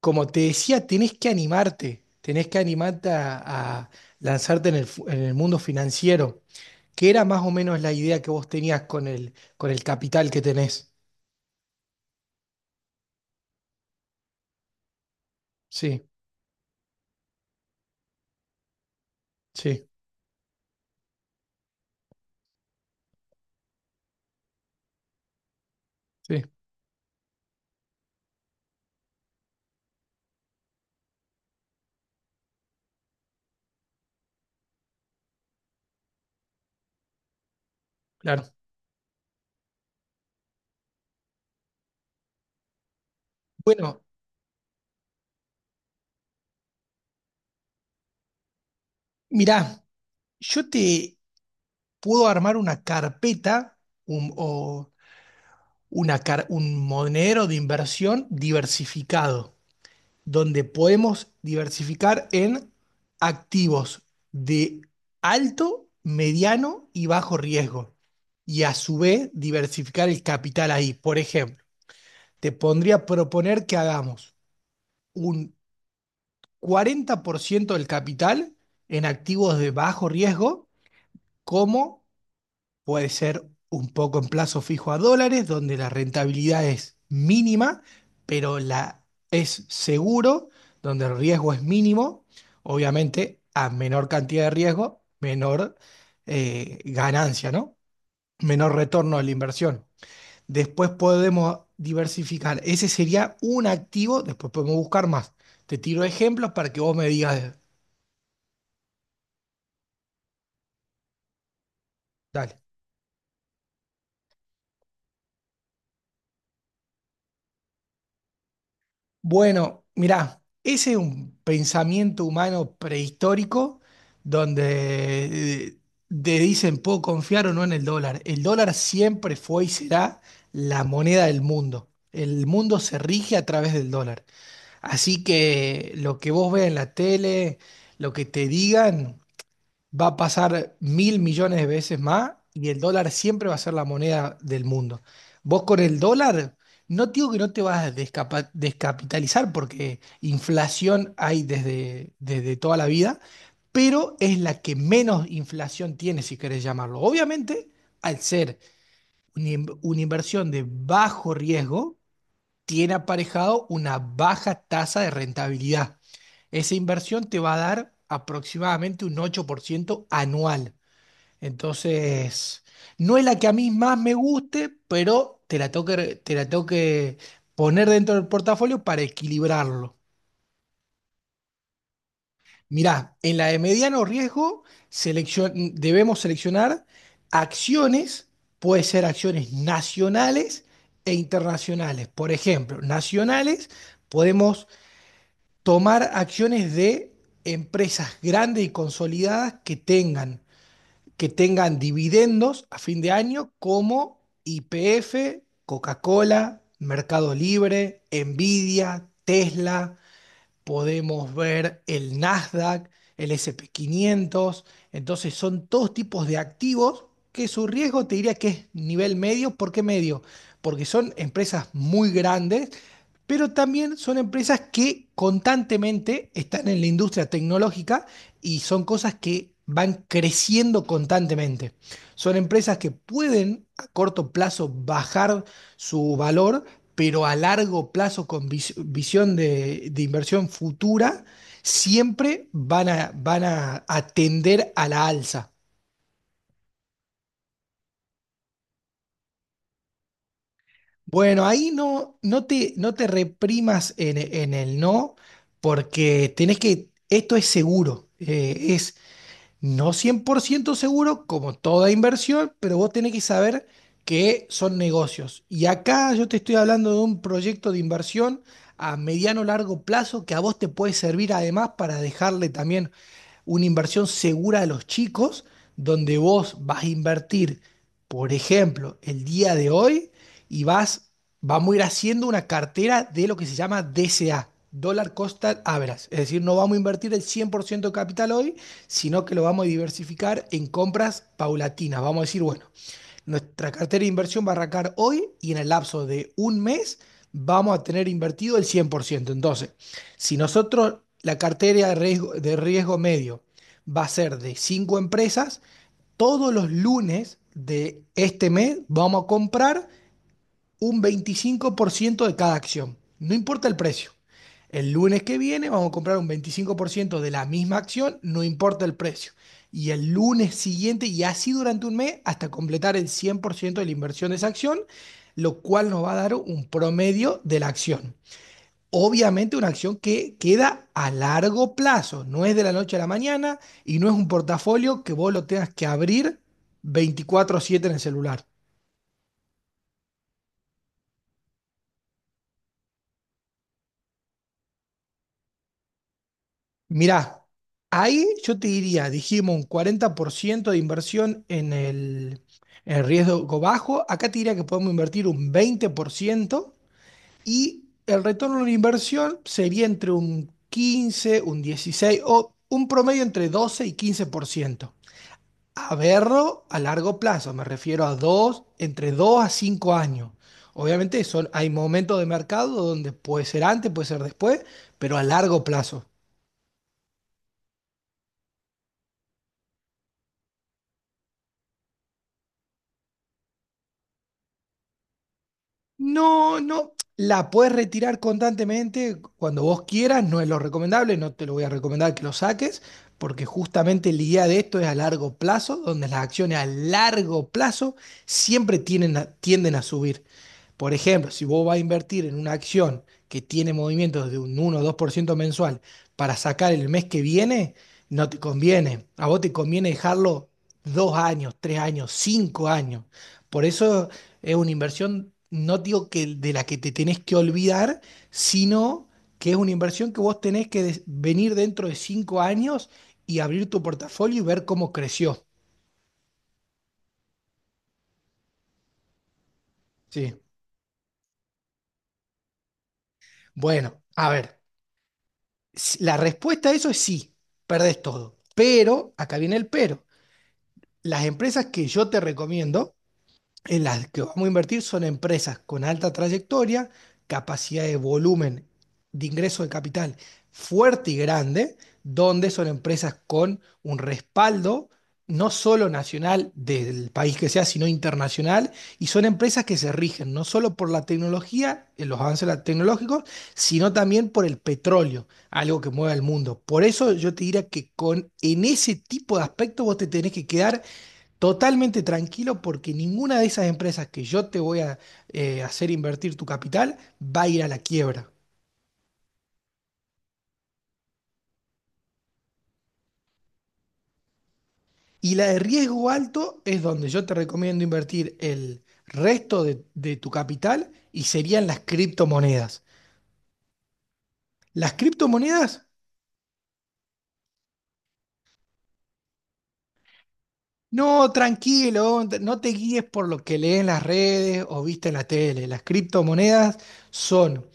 Como te decía, tenés que animarte a lanzarte en el mundo financiero, que era más o menos la idea que vos tenías con el capital que tenés. Sí, sí, sí, claro. Bueno, mirá, yo te puedo armar una carpeta un- o una car- un monedero de inversión diversificado, donde podemos diversificar en activos de alto, mediano y bajo riesgo. Y a su vez diversificar el capital ahí. Por ejemplo, te pondría a proponer que hagamos un 40% del capital en activos de bajo riesgo, como puede ser un poco en plazo fijo a dólares, donde la rentabilidad es mínima, pero la es seguro, donde el riesgo es mínimo. Obviamente, a menor cantidad de riesgo, menor ganancia, ¿no? Menor retorno de la inversión. Después podemos diversificar. Ese sería un activo, después podemos buscar más. Te tiro ejemplos para que vos me digas, dale. Bueno, mirá, ese es un pensamiento humano prehistórico, donde te dicen puedo confiar o no en el dólar. El dólar siempre fue y será la moneda del mundo. El mundo se rige a través del dólar. Así que lo que vos veas en la tele, lo que te digan, va a pasar mil millones de veces más y el dólar siempre va a ser la moneda del mundo. Vos con el dólar, no te digo que no te vas a descapitalizar porque inflación hay desde toda la vida, pero es la que menos inflación tiene, si querés llamarlo. Obviamente, al ser una inversión de bajo riesgo, tiene aparejado una baja tasa de rentabilidad. Esa inversión te va a dar aproximadamente un 8% anual. Entonces, no es la que a mí más me guste, pero te la tengo que poner dentro del portafolio para equilibrarlo. Mirá, en la de mediano riesgo debemos seleccionar acciones, puede ser acciones nacionales e internacionales. Por ejemplo, nacionales podemos tomar acciones de empresas grandes y consolidadas que tengan dividendos a fin de año como YPF, Coca-Cola, Mercado Libre, Nvidia, Tesla; podemos ver el Nasdaq, el S&P 500. Entonces, son todos tipos de activos que su riesgo te diría que es nivel medio. ¿Por qué medio? Porque son empresas muy grandes, pero también son empresas que constantemente están en la industria tecnológica y son cosas que van creciendo constantemente. Son empresas que pueden a corto plazo bajar su valor, pero a largo plazo, con visión de inversión futura, siempre van a atender a la alza. Bueno, ahí no, no te reprimas en el no, porque esto es seguro, es no 100% seguro, como toda inversión, pero vos tenés que saber que son negocios. Y acá yo te estoy hablando de un proyecto de inversión a mediano largo plazo, que a vos te puede servir además para dejarle también una inversión segura a los chicos, donde vos vas a invertir, por ejemplo, el día de hoy y vamos a ir haciendo una cartera de lo que se llama DCA, Dollar Cost Average. Es decir, no vamos a invertir el 100% de capital hoy, sino que lo vamos a diversificar en compras paulatinas. Vamos a decir, bueno, nuestra cartera de inversión va a arrancar hoy, y en el lapso de un mes vamos a tener invertido el 100%. Entonces, si nosotros la cartera de riesgo medio va a ser de 5 empresas, todos los lunes de este mes vamos a comprar un 25% de cada acción, no importa el precio. El lunes que viene vamos a comprar un 25% de la misma acción, no importa el precio. Y el lunes siguiente, y así durante un mes, hasta completar el 100% de la inversión de esa acción, lo cual nos va a dar un promedio de la acción. Obviamente, una acción que queda a largo plazo no es de la noche a la mañana, y no es un portafolio que vos lo tengas que abrir 24/7 en el celular. Mirá, ahí yo te diría, dijimos un 40% de inversión en el en el riesgo bajo; acá te diría que podemos invertir un 20%, y el retorno de la inversión sería entre un 15, un dieciséis, o un promedio entre 12 y 15%. A verlo a largo plazo, me refiero entre 2 a 5 años. Obviamente hay momentos de mercado donde puede ser antes, puede ser después, pero a largo plazo. No, no. La puedes retirar constantemente cuando vos quieras, no es lo recomendable, no te lo voy a recomendar que lo saques, porque justamente la idea de esto es a largo plazo, donde las acciones a largo plazo siempre tienden a subir. Por ejemplo, si vos vas a invertir en una acción que tiene movimientos de un uno o 2% mensual para sacar el mes que viene, no te conviene. A vos te conviene dejarlo 2 años, 3 años, 5 años. Por eso es una inversión, no digo que de la que te tenés que olvidar, sino que es una inversión que vos tenés que venir dentro de 5 años y abrir tu portafolio y ver cómo creció. Sí. Bueno, a ver, la respuesta a eso es sí, perdés todo. Pero acá viene el pero. Las empresas que yo te recomiendo, en las que vamos a invertir, son empresas con alta trayectoria, capacidad de volumen de ingreso de capital fuerte y grande, donde son empresas con un respaldo no solo nacional del país que sea, sino internacional, y son empresas que se rigen no solo por la tecnología, en los avances tecnológicos, sino también por el petróleo, algo que mueve al mundo. Por eso yo te diría que en ese tipo de aspectos vos te tenés que quedar totalmente tranquilo, porque ninguna de esas empresas que yo te voy a hacer invertir tu capital va a ir a la quiebra. Y la de riesgo alto es donde yo te recomiendo invertir el resto de tu capital, y serían las criptomonedas. Las criptomonedas, no, tranquilo, no te guíes por lo que lees en las redes o viste en la tele. Las criptomonedas son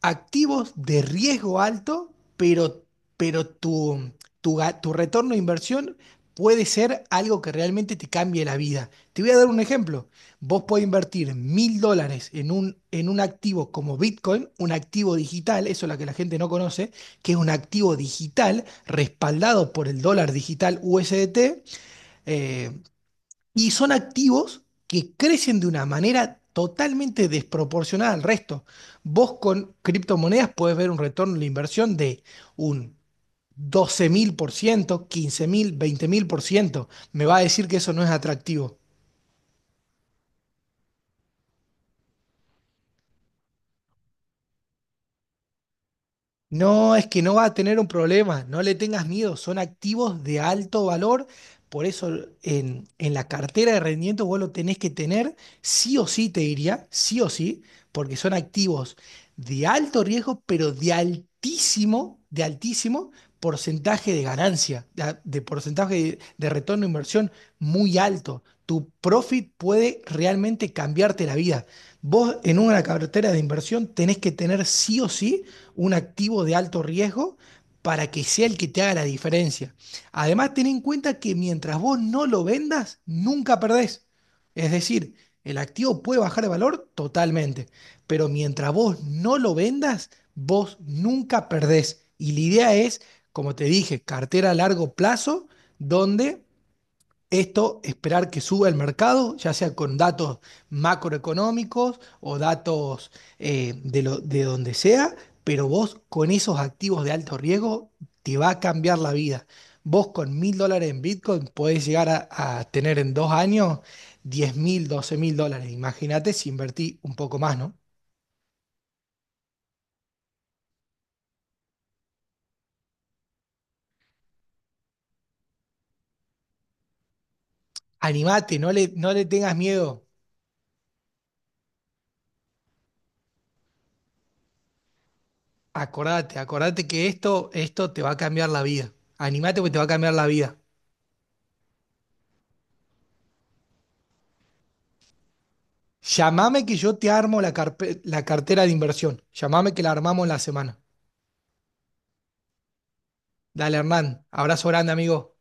activos de riesgo alto, pero tu retorno de inversión puede ser algo que realmente te cambie la vida. Te voy a dar un ejemplo. Vos podés invertir $1.000 en un, activo como Bitcoin, un activo digital, eso es lo que la gente no conoce, que es un activo digital respaldado por el dólar digital USDT, eh, y son activos que crecen de una manera totalmente desproporcionada al resto. Vos con criptomonedas podés ver un retorno de la inversión de un doce mil, por ciento, quince mil, veinte mil por ciento. Me va a decir que eso no es atractivo. No, es que no va a tener un problema, no le tengas miedo, son activos de alto valor, por eso en la cartera de rendimiento vos lo tenés que tener sí o sí, te diría, sí o sí, porque son activos de alto riesgo, pero de altísimo porcentaje de ganancia, de porcentaje de retorno de inversión muy alto. Tu profit puede realmente cambiarte la vida. Vos en una cartera de inversión tenés que tener sí o sí un activo de alto riesgo, para que sea el que te haga la diferencia. Además, ten en cuenta que mientras vos no lo vendas, nunca perdés. Es decir, el activo puede bajar de valor totalmente, pero mientras vos no lo vendas, vos nunca perdés. Y la idea es, como te dije, cartera a largo plazo, donde, esto, esperar que suba el mercado, ya sea con datos macroeconómicos o datos de donde sea, pero vos con esos activos de alto riesgo te va a cambiar la vida. Vos con $1.000 en Bitcoin podés llegar a tener en 2 años 10 mil, 12 mil dólares. Imagínate si invertí un poco más, ¿no? Animate, no le tengas miedo. Acordate, acordate que esto te va a cambiar la vida. Animate porque te va a cambiar la vida. Llamame que yo te armo la cartera de inversión. Llamame que la armamos en la semana. Dale, Hernán. Abrazo grande, amigo.